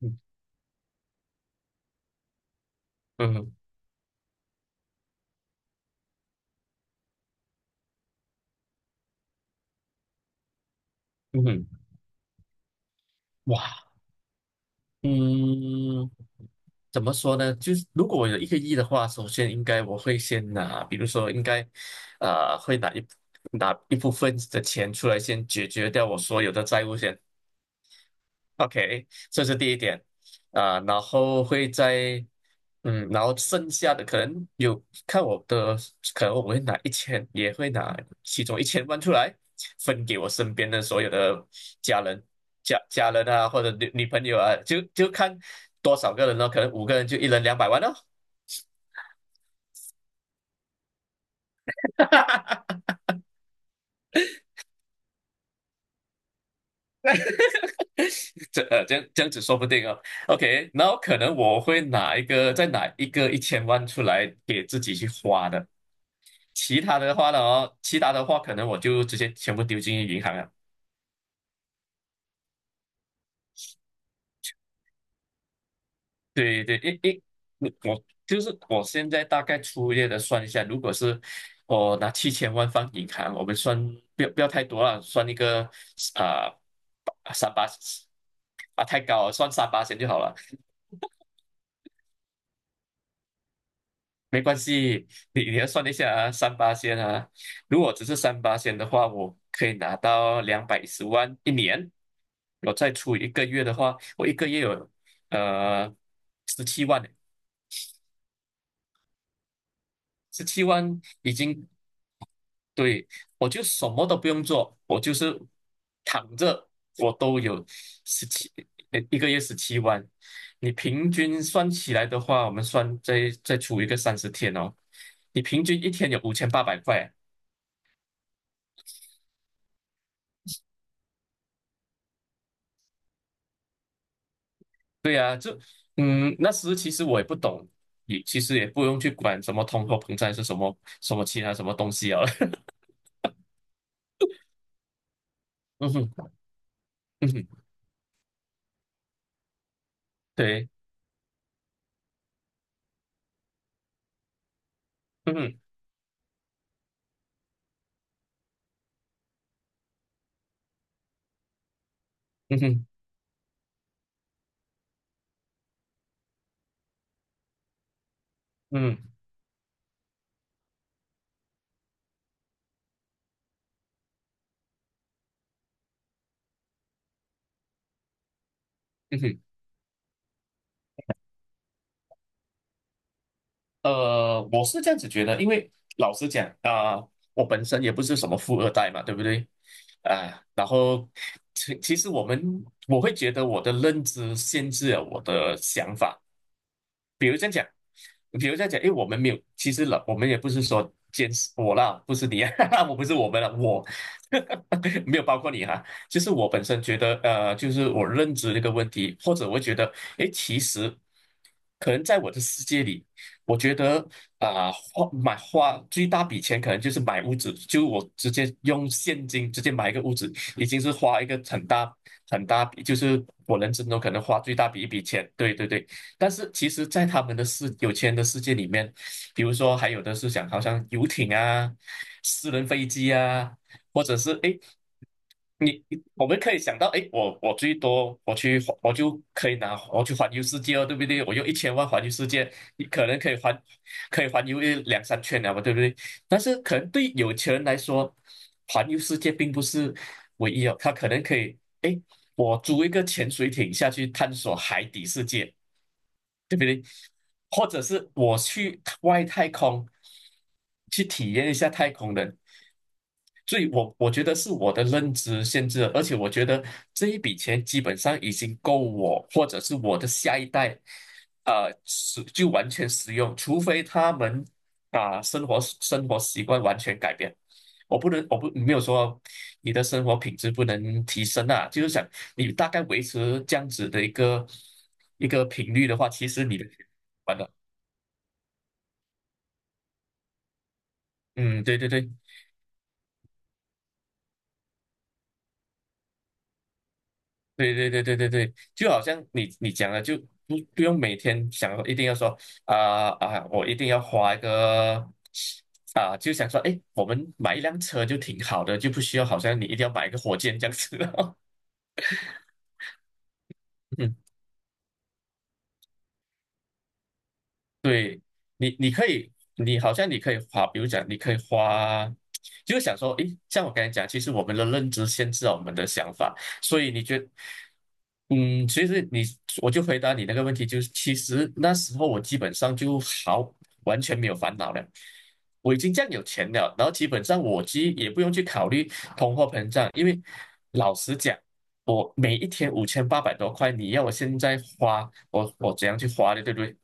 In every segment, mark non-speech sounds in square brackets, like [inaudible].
嗯嗯。嗯。哇。嗯。怎么说呢？就是如果我有1亿的话，首先应该我会先拿，比如说应该，会拿一部分的钱出来，先解决掉我所有的债务先。OK，这是第一点啊。然后会在，嗯，然后剩下的可能有看我的，可能我会拿一千，也会拿其中一千万出来，分给我身边的所有的家人、家人啊，或者女朋友啊，就看多少个人咯，可能五个人就一人200万哦。[laughs] 这样子说不定哦。OK，然后可能我会拿一个再拿一个一千万出来给自己去花的。其他的话呢，哦，其他的话可能我就直接全部丢进银行了。对对，我就是我现在大概粗略的算一下，如果是我拿7000万放银行，我们算不要太多了，算一个，啊，三八，啊，太高了，算三八千就好了。没关系，你要算一下啊，三八仙啊。如果只是三八仙的话，我可以拿到210万一年。我再出一个月的话，我一个月有，呃十七万，十七万已经。对，我就什么都不用做，我就是躺着。我都有十七一个月十七万。你平均算起来的话，我们算再出一个30天哦，你平均一天有5800块。对呀。就，嗯，那时其实我也不懂，也其实也不用去管什么通货膨胀是什么什么其他什么东西啊。[laughs] 嗯哼。嗯哼。对。嗯哼。嗯哼。嗯哼。嗯哼。我是这样子觉得，因为老实讲啊，我本身也不是什么富二代嘛，对不对？啊。然后其实我会觉得我的认知限制了我的想法，比如这样讲。比如在讲，诶，我们没有，其实了，我们也不是说坚持，我啦，不是你啊。[laughs] 我不是我们了，我。 [laughs] 没有包括你哈。就是我本身觉得，就是我认知这个问题，或者我觉得，诶，其实可能在我的世界里，我觉得啊，花最大笔钱可能就是买屋子，就我直接用现金直接买一个屋子，已经是花一个很大很大笔，就是我人生中可能花最大笔一笔钱，对对对。但是其实，在他们的世有钱人的世界里面，比如说还有的是想，好像游艇啊、私人飞机啊，或者是，诶，你我们可以想到，诶，我最多我去我就可以拿我去环游世界哦，对不对？我用一千万环游世界，你可能可以环游一两三圈了嘛，对不对？但是可能对有钱人来说，环游世界并不是唯一哦，他可能可以，诶，我租一个潜水艇下去探索海底世界。对不对？或者是我去外太空去体验一下太空人。所以我觉得是我的认知限制了，而且我觉得这一笔钱基本上已经够我或者是我的下一代，就完全使用，除非他们把生活习惯完全改变。我不能，我不没有说你的生活品质不能提升啊，就是想你大概维持这样子的一个频率的话，其实你的完了。嗯，对对对对对对对对对，就好像你讲的，就不用每天想一定要说，啊啊，我一定要花一个啊，就想说，哎，我们买一辆车就挺好的，就不需要好像你一定要买一个火箭这样子。嗯。 [laughs] 对。你，你可以，你好像你可以花，比如讲，你可以花，就是想说，诶，像我刚才讲，其实我们的认知限制了我们的想法，所以你觉得，嗯，其实你，我就回答你那个问题，就是其实那时候我基本上就好，完全没有烦恼了。我已经这样有钱了，然后基本上我其实也不用去考虑通货膨胀。因为老实讲，我每一天5800多块，你要我现在花，我怎样去花的，对不对？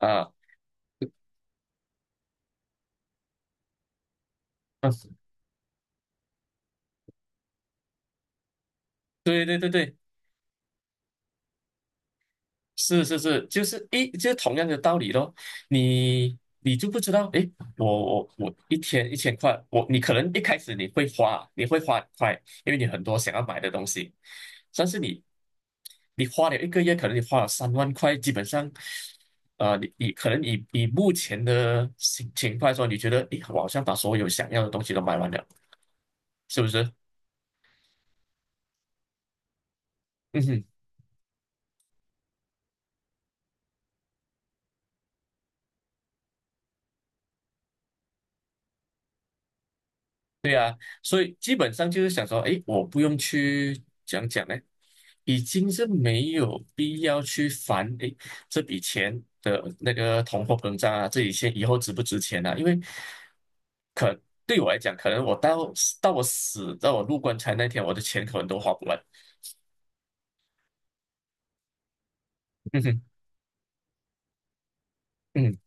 啊。对对对对，是是是，就是同样的道理咯。你你就不知道，诶，我一天1000块，你可能一开始你会花，你会花很快，因为你很多想要买的东西，但是你花了一个月，可能你花了3万块，基本上，你可能以目前的情况来说，你觉得，诶，我好像把所有想要的东西都买完了，是不是？嗯哼。所以基本上就是想说，哎，我不用去讲讲呢，已经是没有必要去烦，哎，这笔钱的那个通货膨胀啊，这笔钱以后值不值钱啊？因为可对我来讲，可能我到我死到我入棺材那天，我的钱可能都花不完。[laughs] 嗯哼。嗯。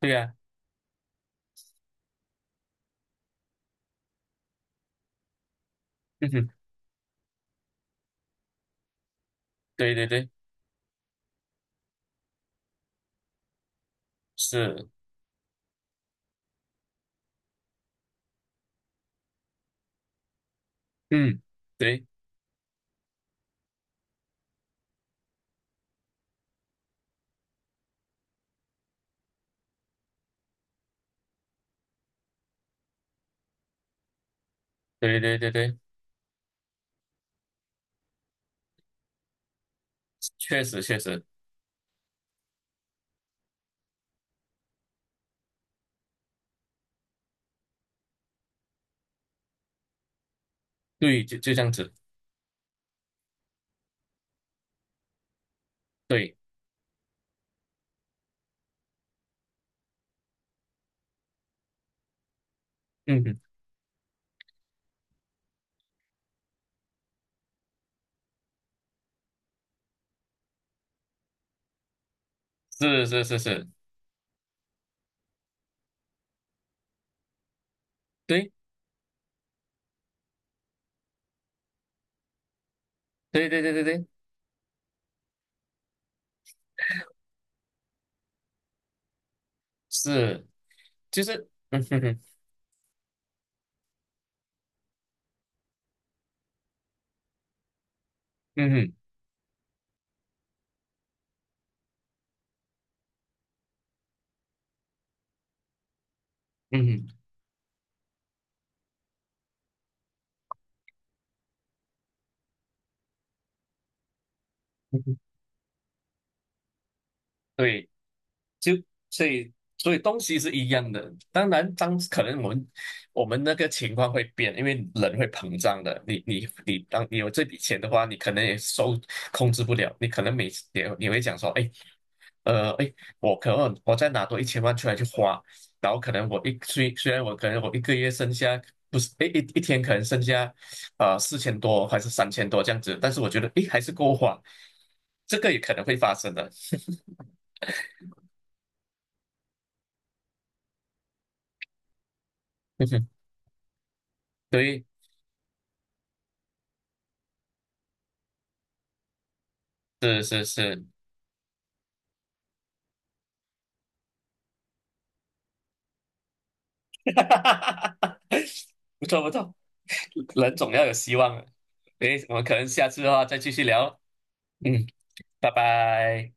对呀。啊。嗯哼。对对对。是。嗯。对对对对对。确实确实。对，就这样子。对。嗯哼。是是是是。对。对对对对对。是。就是。嗯哼哼。嗯哼。嗯哼。嗯哼对，就所以所以东西是一样的，当然可能我们那个情况会变，因为人会膨胀的。你，当你有这笔钱的话，你可能也控制不了，你可能每次也你会讲说，哎。哎，我可能我再拿多一千万出来去花，然后可能我一虽虽然我可能我一个月剩下，不是，哎，一天可能剩下，4000多还是3000多这样子，但是我觉得哎还是够花，这个也可能会发生的。[laughs] 嗯哼。对。是是是。[laughs] 不错不错。人总要有希望的。诶，我们可能下次的话再继续聊。嗯，拜拜。